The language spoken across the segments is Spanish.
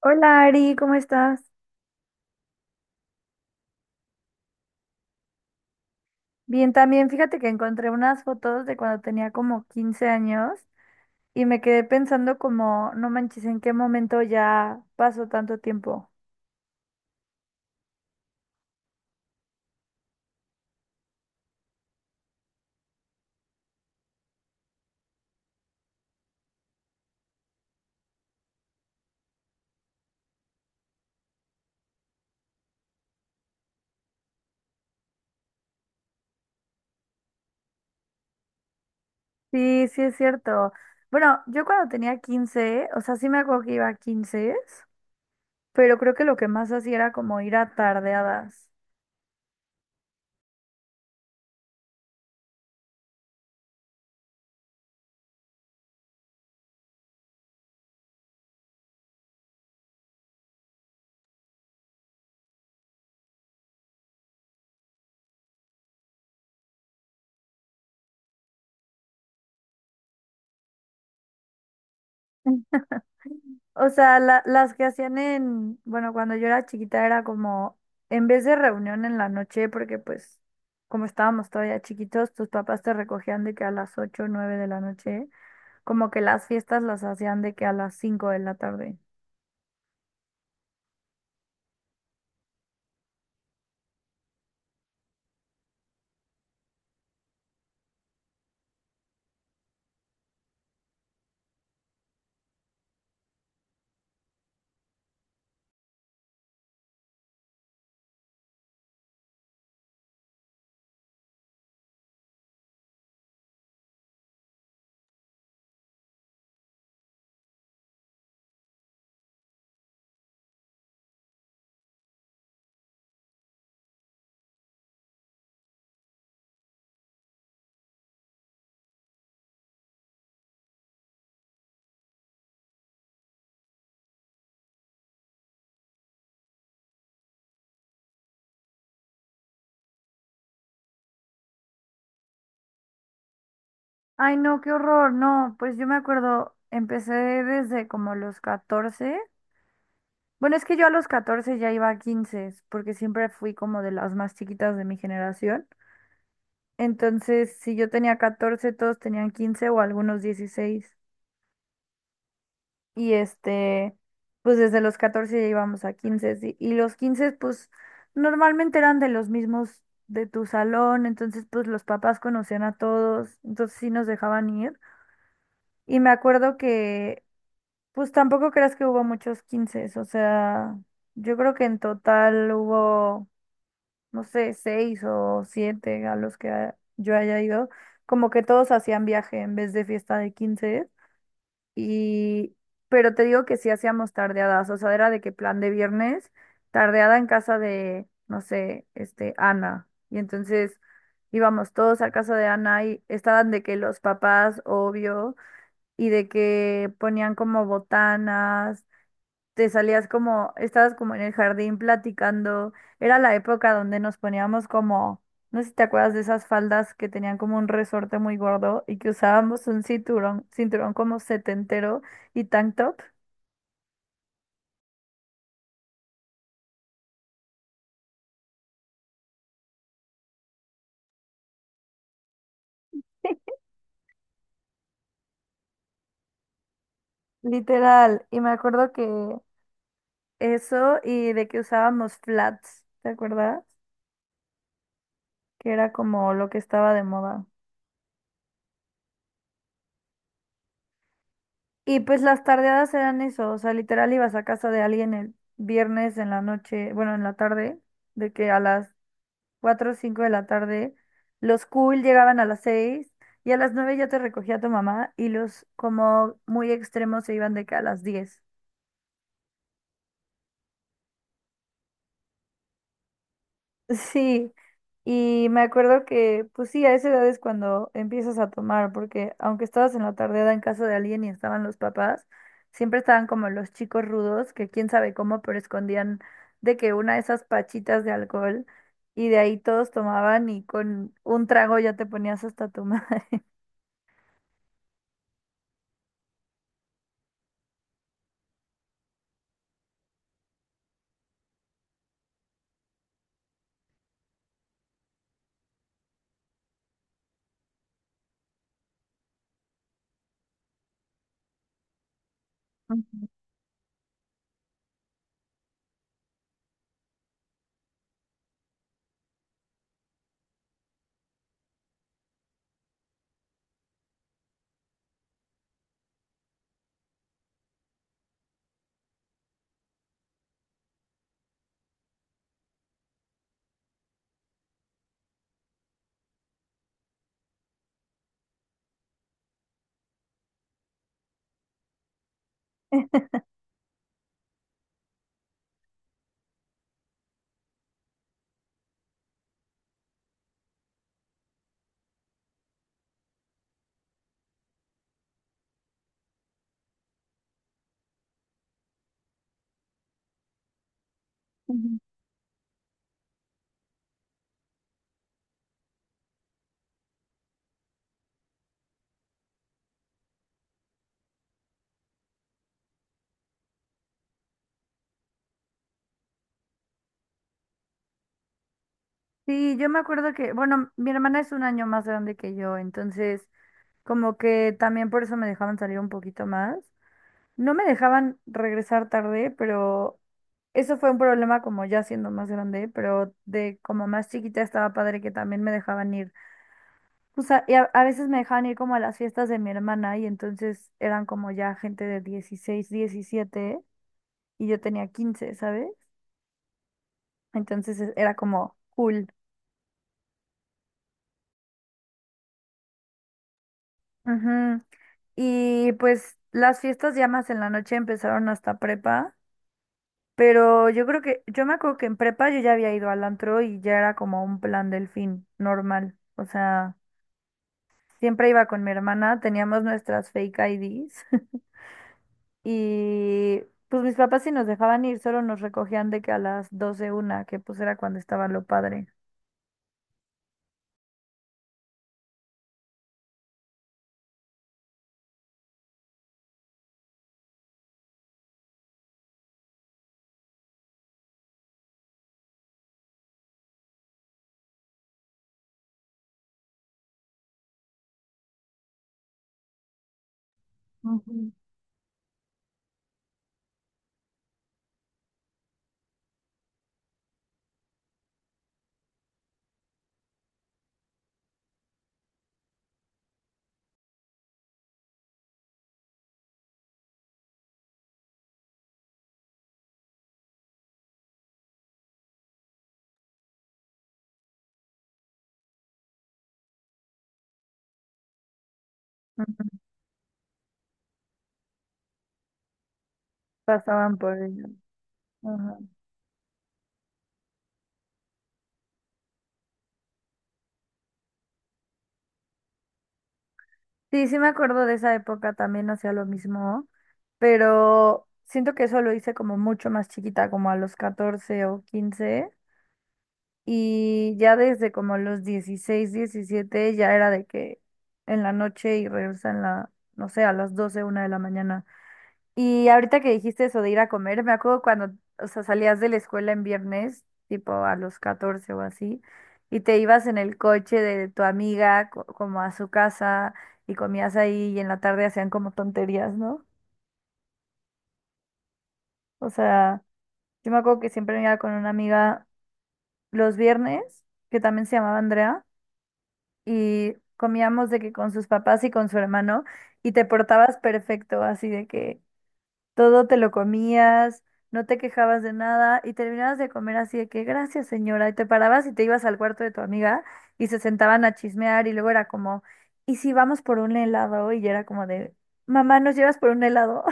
Hola Ari, ¿cómo estás? Bien, también fíjate que encontré unas fotos de cuando tenía como 15 años y me quedé pensando como, no manches, ¿en qué momento ya pasó tanto tiempo? Sí, sí es cierto. Bueno, yo cuando tenía 15, o sea, sí me acuerdo que iba a 15, pero creo que lo que más hacía era como ir a tardeadas. O sea, las que hacían en, bueno, cuando yo era chiquita era como, en vez de reunión en la noche, porque pues como estábamos todavía chiquitos, tus papás te recogían de que a las 8 o 9 de la noche, como que las fiestas las hacían de que a las 5 de la tarde. Ay, no, qué horror, no, pues yo me acuerdo, empecé desde como los 14. Bueno, es que yo a los 14 ya iba a 15, porque siempre fui como de las más chiquitas de mi generación. Entonces, si yo tenía 14 todos tenían 15 o algunos 16. Y este, pues desde los 14 ya íbamos a 15, sí. Y los 15 pues normalmente eran de los mismos de tu salón. Entonces, pues los papás conocían a todos. Entonces, sí nos dejaban ir. Y me acuerdo que, pues tampoco creas que hubo muchos 15. O sea, yo creo que en total hubo, no sé, seis o siete a los que yo haya ido, como que todos hacían viaje en vez de fiesta de 15. Y, pero te digo que sí hacíamos tardeadas, o sea, era de que plan de viernes, tardeada en casa de, no sé, Ana. Y entonces íbamos todos a casa de Ana y estaban de que los papás, obvio, y de que ponían como botanas, te salías como, estabas como en el jardín platicando. Era la época donde nos poníamos como, no sé si te acuerdas de esas faldas que tenían como un resorte muy gordo y que usábamos un cinturón, cinturón como setentero y tank top. Literal. Y me acuerdo que eso y de que usábamos flats, ¿te acuerdas? Que era como lo que estaba de moda. Y pues las tardeadas eran eso, o sea, literal ibas a casa de alguien el viernes en la noche, bueno, en la tarde, de que a las 4 o 5 de la tarde. Los cool llegaban a las 6 y a las 9 ya te recogía tu mamá y los como muy extremos se iban de que a las 10. Sí, y me acuerdo que, pues sí, a esa edad es cuando empiezas a tomar, porque aunque estabas en la tardeada en casa de alguien y estaban los papás, siempre estaban como los chicos rudos, que quién sabe cómo, pero escondían de que una de esas pachitas de alcohol y de ahí todos tomaban y con un trago ya te ponías hasta tu madre. Ujú. Sí, yo me acuerdo que, bueno, mi hermana es un año más grande que yo, entonces como que también por eso me dejaban salir un poquito más. No me dejaban regresar tarde, pero eso fue un problema como ya siendo más grande, pero de como más chiquita estaba padre que también me dejaban ir. O sea, y a veces me dejaban ir como a las fiestas de mi hermana y entonces eran como ya gente de 16, 17 y yo tenía 15, ¿sabes? Entonces era como cool. Ujú. Y pues las fiestas ya más en la noche empezaron hasta prepa, pero yo me acuerdo que en prepa yo ya había ido al antro y ya era como un plan del fin normal. O sea, siempre iba con mi hermana, teníamos nuestras fake IDs y pues mis papás sí nos dejaban ir, solo nos recogían de que a las 12 1, que pues era cuando estaba lo padre. Ujú. Ujú, pasaban por ello. Ajá. Sí, sí me acuerdo de esa época, también hacía lo mismo. Pero siento que eso lo hice como mucho más chiquita, como a los 14 o 15 y ya desde como los 16 17 ya era de que en la noche y regresa en la, no sé, a las doce una de la mañana. Y ahorita que dijiste eso de ir a comer, me acuerdo cuando, o sea, salías de la escuela en viernes, tipo a los 14 o así, y te ibas en el coche de tu amiga como a su casa y comías ahí y en la tarde hacían como tonterías, ¿no? O sea... Yo me acuerdo que siempre iba con una amiga los viernes, que también se llamaba Andrea, y comíamos de que con sus papás y con su hermano, y te portabas perfecto, así de que todo te lo comías, no te quejabas de nada, y terminabas de comer así de que gracias, señora, y te parabas y te ibas al cuarto de tu amiga y se sentaban a chismear, y luego era como, ¿y si vamos por un helado? Y yo era como de, mamá, ¿nos llevas por un helado?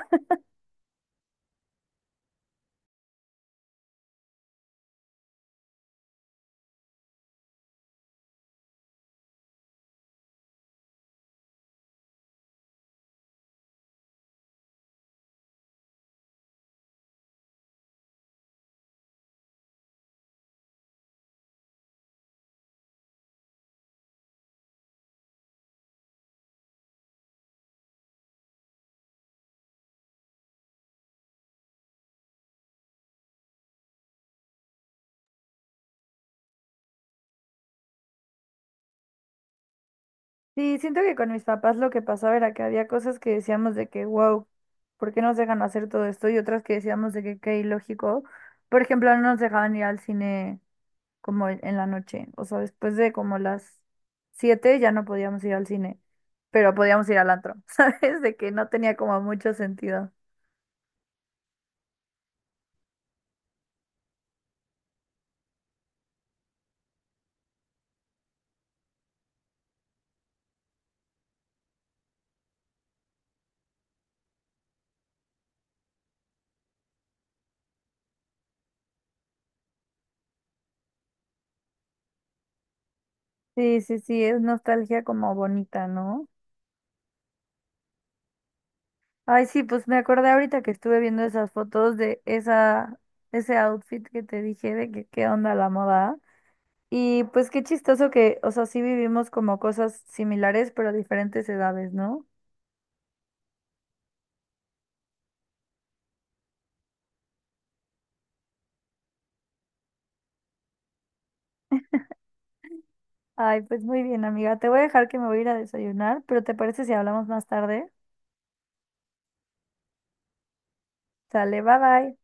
Sí, siento que con mis papás lo que pasaba era que había cosas que decíamos de que, wow, ¿por qué nos dejan hacer todo esto? Y otras que decíamos de que qué ilógico. Por ejemplo, no nos dejaban ir al cine como en la noche. O sea, después de como las 7 ya no podíamos ir al cine, pero podíamos ir al antro, ¿sabes? De que no tenía como mucho sentido. Sí, sí, sí, es nostalgia como bonita, ¿no? Ay, sí, pues me acordé ahorita que estuve viendo esas fotos de ese outfit que te dije de que qué onda la moda. Y pues qué chistoso que, o sea, sí vivimos como cosas similares, pero a diferentes edades, ¿no? Ay, pues muy bien, amiga. Te voy a dejar que me voy a ir a desayunar, pero ¿te parece si hablamos más tarde? Sale, bye bye.